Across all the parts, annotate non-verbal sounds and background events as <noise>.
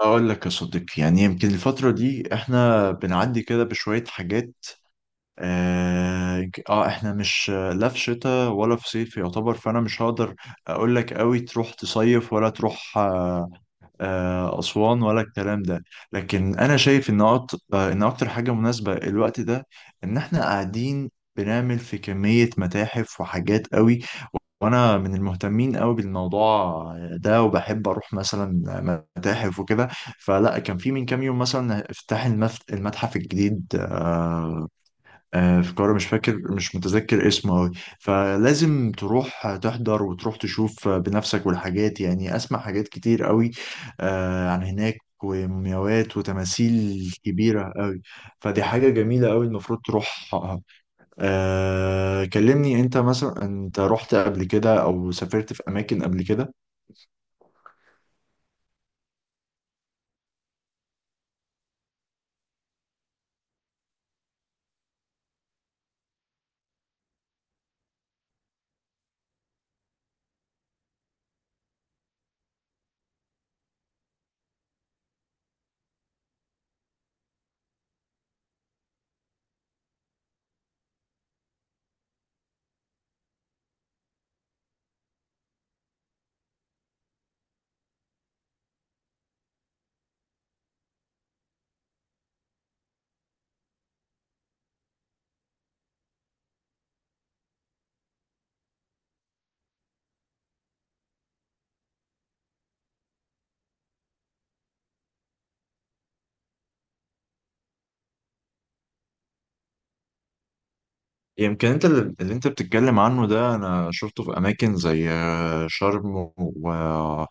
أقول لك يا صديقي، يعني يمكن الفترة دي إحنا بنعدي كده بشوية حاجات. إحنا مش لا في شتاء ولا في صيف يعتبر، فأنا مش هقدر أقول لك أوي تروح تصيف ولا تروح أسوان ولا الكلام ده. لكن أنا شايف إن أكتر حاجة مناسبة الوقت ده، إن إحنا قاعدين بنعمل في كمية متاحف وحاجات قوي، وانا من المهتمين قوي بالموضوع ده، وبحب اروح مثلا متاحف وكده. فلا كان في من كام يوم مثلا افتتاح المتحف الجديد في القاهره، مش فاكر مش متذكر اسمه قوي. فلازم تروح تحضر وتروح تشوف بنفسك والحاجات، يعني اسمع حاجات كتير قوي عن هناك، ومومياوات وتماثيل كبيرة قوي. فدي حاجة جميلة قوي، المفروض تروح. كلمني انت، مثلا انت رحت قبل كده او سافرت في اماكن قبل كده؟ يعني يمكن انت اللي انت بتتكلم عنه ده انا شفته في اماكن زي شرم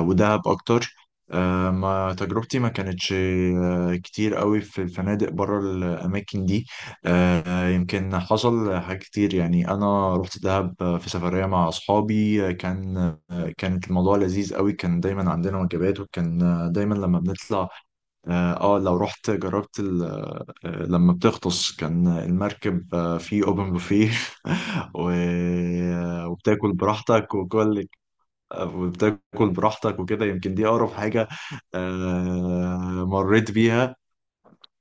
ودهب اكتر. ما تجربتي ما كانتش كتير قوي في الفنادق بره الاماكن دي. يمكن حصل حاجات كتير، يعني انا رحت دهب في سفريه مع اصحابي، كانت الموضوع لذيذ قوي، كان دايما عندنا وجبات، وكان دايما لما بنطلع. لو رحت جربت لما بتغطس كان المركب فيه اوبن بوفيه <laughs> و- وبتاكل براحتك وكل وبتاكل براحتك وكده، يمكن دي اقرب حاجه مريت بيها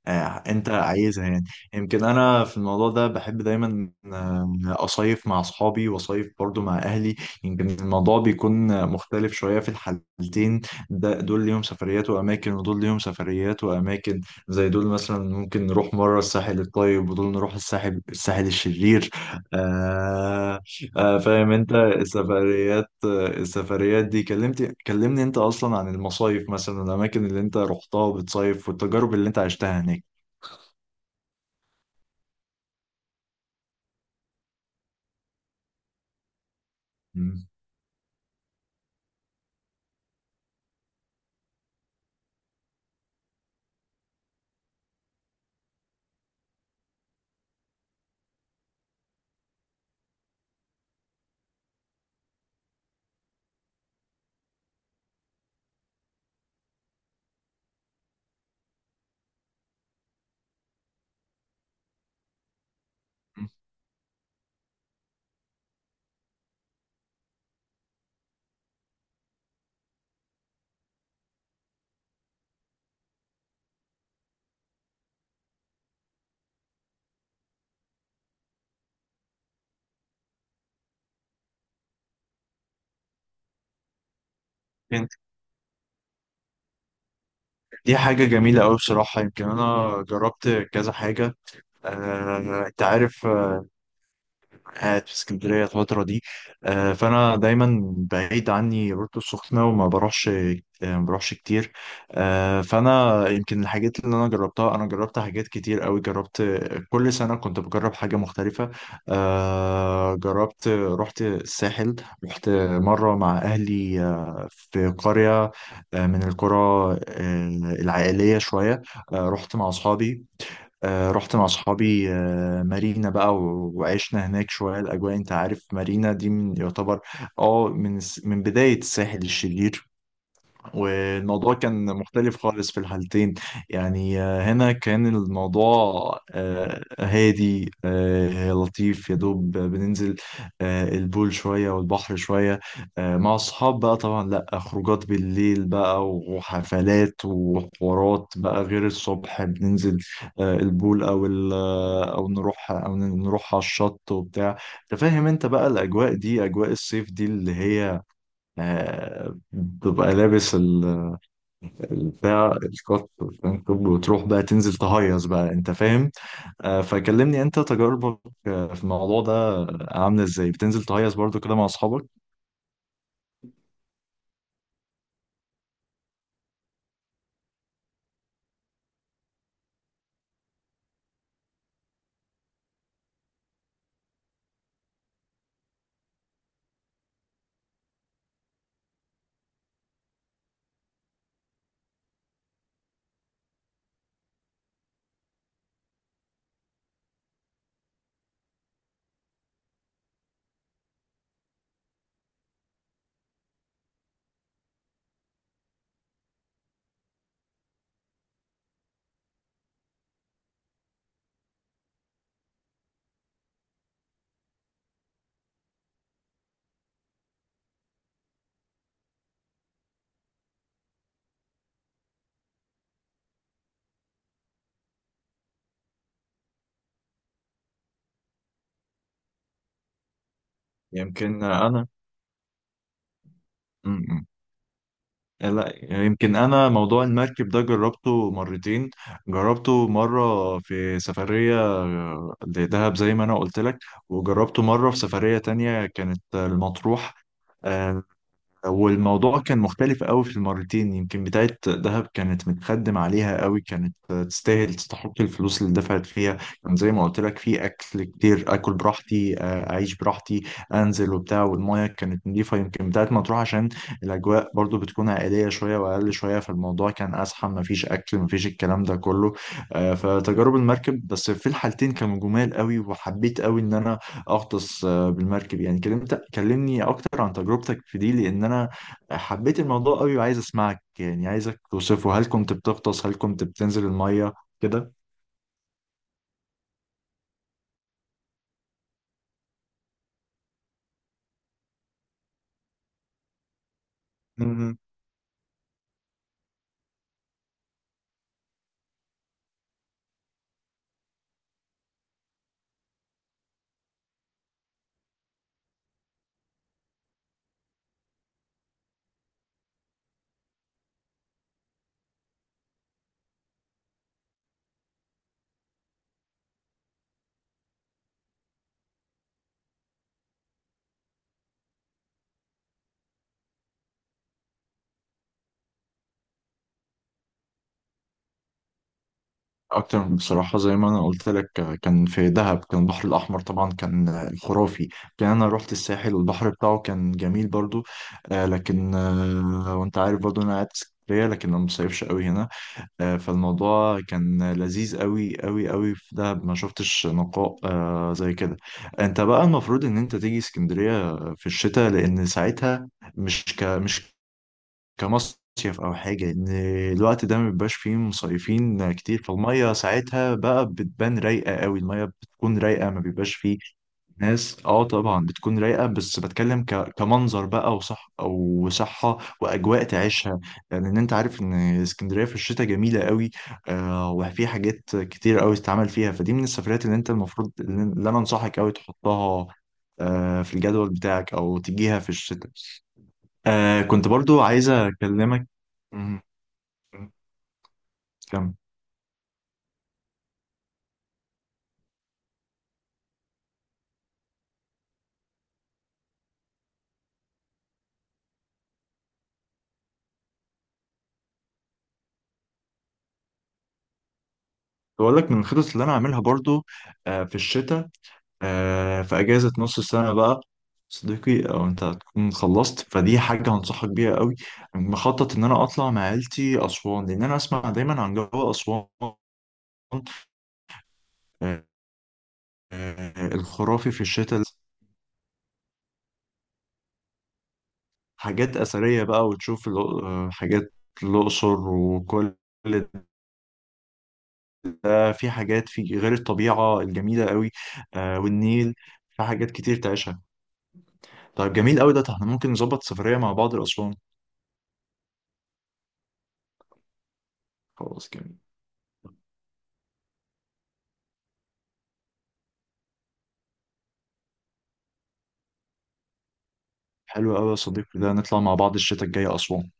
انت عايزها يعني. يمكن انا في الموضوع ده بحب دايما اصيف مع اصحابي، واصيف برضو مع اهلي. يمكن الموضوع بيكون مختلف شويه في الحالتين. ده دول ليهم سفريات واماكن، ودول ليهم سفريات واماكن. زي دول مثلا ممكن نروح مره الساحل الطيب، ودول نروح الساحل الشرير. آه فاهم انت؟ السفريات دي كلمني انت اصلا عن المصايف، مثلا الاماكن اللي انت رحتها بتصيف والتجارب اللي انت عشتها هناك. مم. كانت- دي حاجة جميلة أوي بصراحة، يمكن أنا جربت كذا حاجة. أنت عارف قاعد في اسكندرية الفترة دي، فأنا دايما بعيد عني بورتو السخنة وما بروحش آه، ما بروحش كتير. فأنا يمكن الحاجات اللي أنا جربتها، أنا جربت حاجات كتير أوي، جربت كل سنة كنت بجرب حاجة مختلفة. جربت رحت الساحل، رحت مرة مع أهلي في قرية من القرى العائلية شوية. رحت مع أصحابي مارينا بقى وعشنا هناك شوية، الأجواء أنت عارف مارينا دي من يعتبر اه من من بداية الساحل الشرير. والموضوع كان مختلف خالص في الحالتين. يعني هنا كان الموضوع هادي لطيف، يا دوب بننزل البول شوية والبحر شوية، مع الصحاب بقى طبعا، لا خروجات بالليل بقى وحفلات وحوارات بقى، غير الصبح بننزل البول او او نروح على الشط وبتاع. تفهم انت بقى الاجواء دي، اجواء الصيف دي اللي هي بتبقى لابس بتاع الكات والفانكوب، وتروح بقى تنزل تهيص بقى انت فاهم. فكلمني انت تجاربك في الموضوع ده، عامله ازاي بتنزل تهيص برضو كده مع اصحابك؟ يمكن انا م- م. لا، يمكن انا موضوع المركب ده جربته مرتين، جربته مره في سفريه لدهب زي ما انا قلت لك، وجربته مره في سفريه تانية كانت المطروح. آه، والموضوع كان مختلف قوي في المرتين، يمكن بتاعة دهب كانت متخدم عليها قوي، كانت تستاهل تستحق الفلوس اللي دفعت فيها، كان زي ما قلت لك في اكل كتير، اكل براحتي اعيش براحتي، انزل وبتاع، والمياه كانت نظيفة. يمكن بتاعة مطروح عشان الاجواء برضو بتكون عائلية شوية واقل شوية، فالموضوع كان ازحم، مفيش اكل مفيش الكلام ده كله. فتجارب المركب بس في الحالتين كانوا جمال قوي، وحبيت قوي ان انا اغطس بالمركب. يعني كلمني اكتر عن تجربتك في دي، لان انا حبيت الموضوع قوي وعايز اسمعك، يعني عايزك توصفه، هل كنت بتغطس؟ هل كنت بتنزل المية كده؟ مم. اكتر بصراحة زي ما انا قلت لك، كان في دهب، كان البحر الاحمر طبعا كان خرافي. كان انا رحت الساحل والبحر بتاعه كان جميل برضو. آه، لكن آه، وانت عارف برضو انا قاعد في اسكندرية، لكن انا مصيفش قوي هنا. فالموضوع كان لذيذ قوي قوي قوي في دهب، ما شفتش نقاء زي كده. انت بقى المفروض ان انت تيجي اسكندرية في الشتاء، لان ساعتها مش كمصيف او حاجة، ان الوقت ده ما بيبقاش فيه مصيفين كتير، فالمية ساعتها بقى بتبان رايقة قوي، المية بتكون رايقة، ما بيبقاش فيه ناس، اه طبعا بتكون رايقه، بس بتكلم كمنظر بقى، وصح او صحه، واجواء تعيشها. لان يعني انت عارف ان اسكندريه في الشتاء جميله قوي، وفي حاجات كتير قوي تتعمل فيها، فدي من السفرات اللي انت المفروض اللي انا انصحك قوي تحطها في الجدول بتاعك، او تجيها في الشتاء. كنت برضو عايزه اكلمك. مم. كم بقول لك من الخطط اللي انا عاملها برضو في الشتاء، في أجازة نص السنة بقى، صديقي أو أنت هتكون خلصت، فدي حاجة هنصحك بيها قوي، مخطط إن أنا أطلع مع عيلتي أسوان، لأن أنا أسمع دايما عن جو أسوان آه، الخرافي في الشتاء. حاجات أثرية بقى، وتشوف حاجات الأقصر وكل ده، في حاجات في غير الطبيعة الجميلة قوي، والنيل، في حاجات كتير تعيشها. طيب جميل قوي ده، طب احنا ممكن نظبط سفرية مع بعض لأسوان. خلاص جميل. حلو قوي يا صديقي، ده نطلع مع بعض الشتاء الجاي أسوان.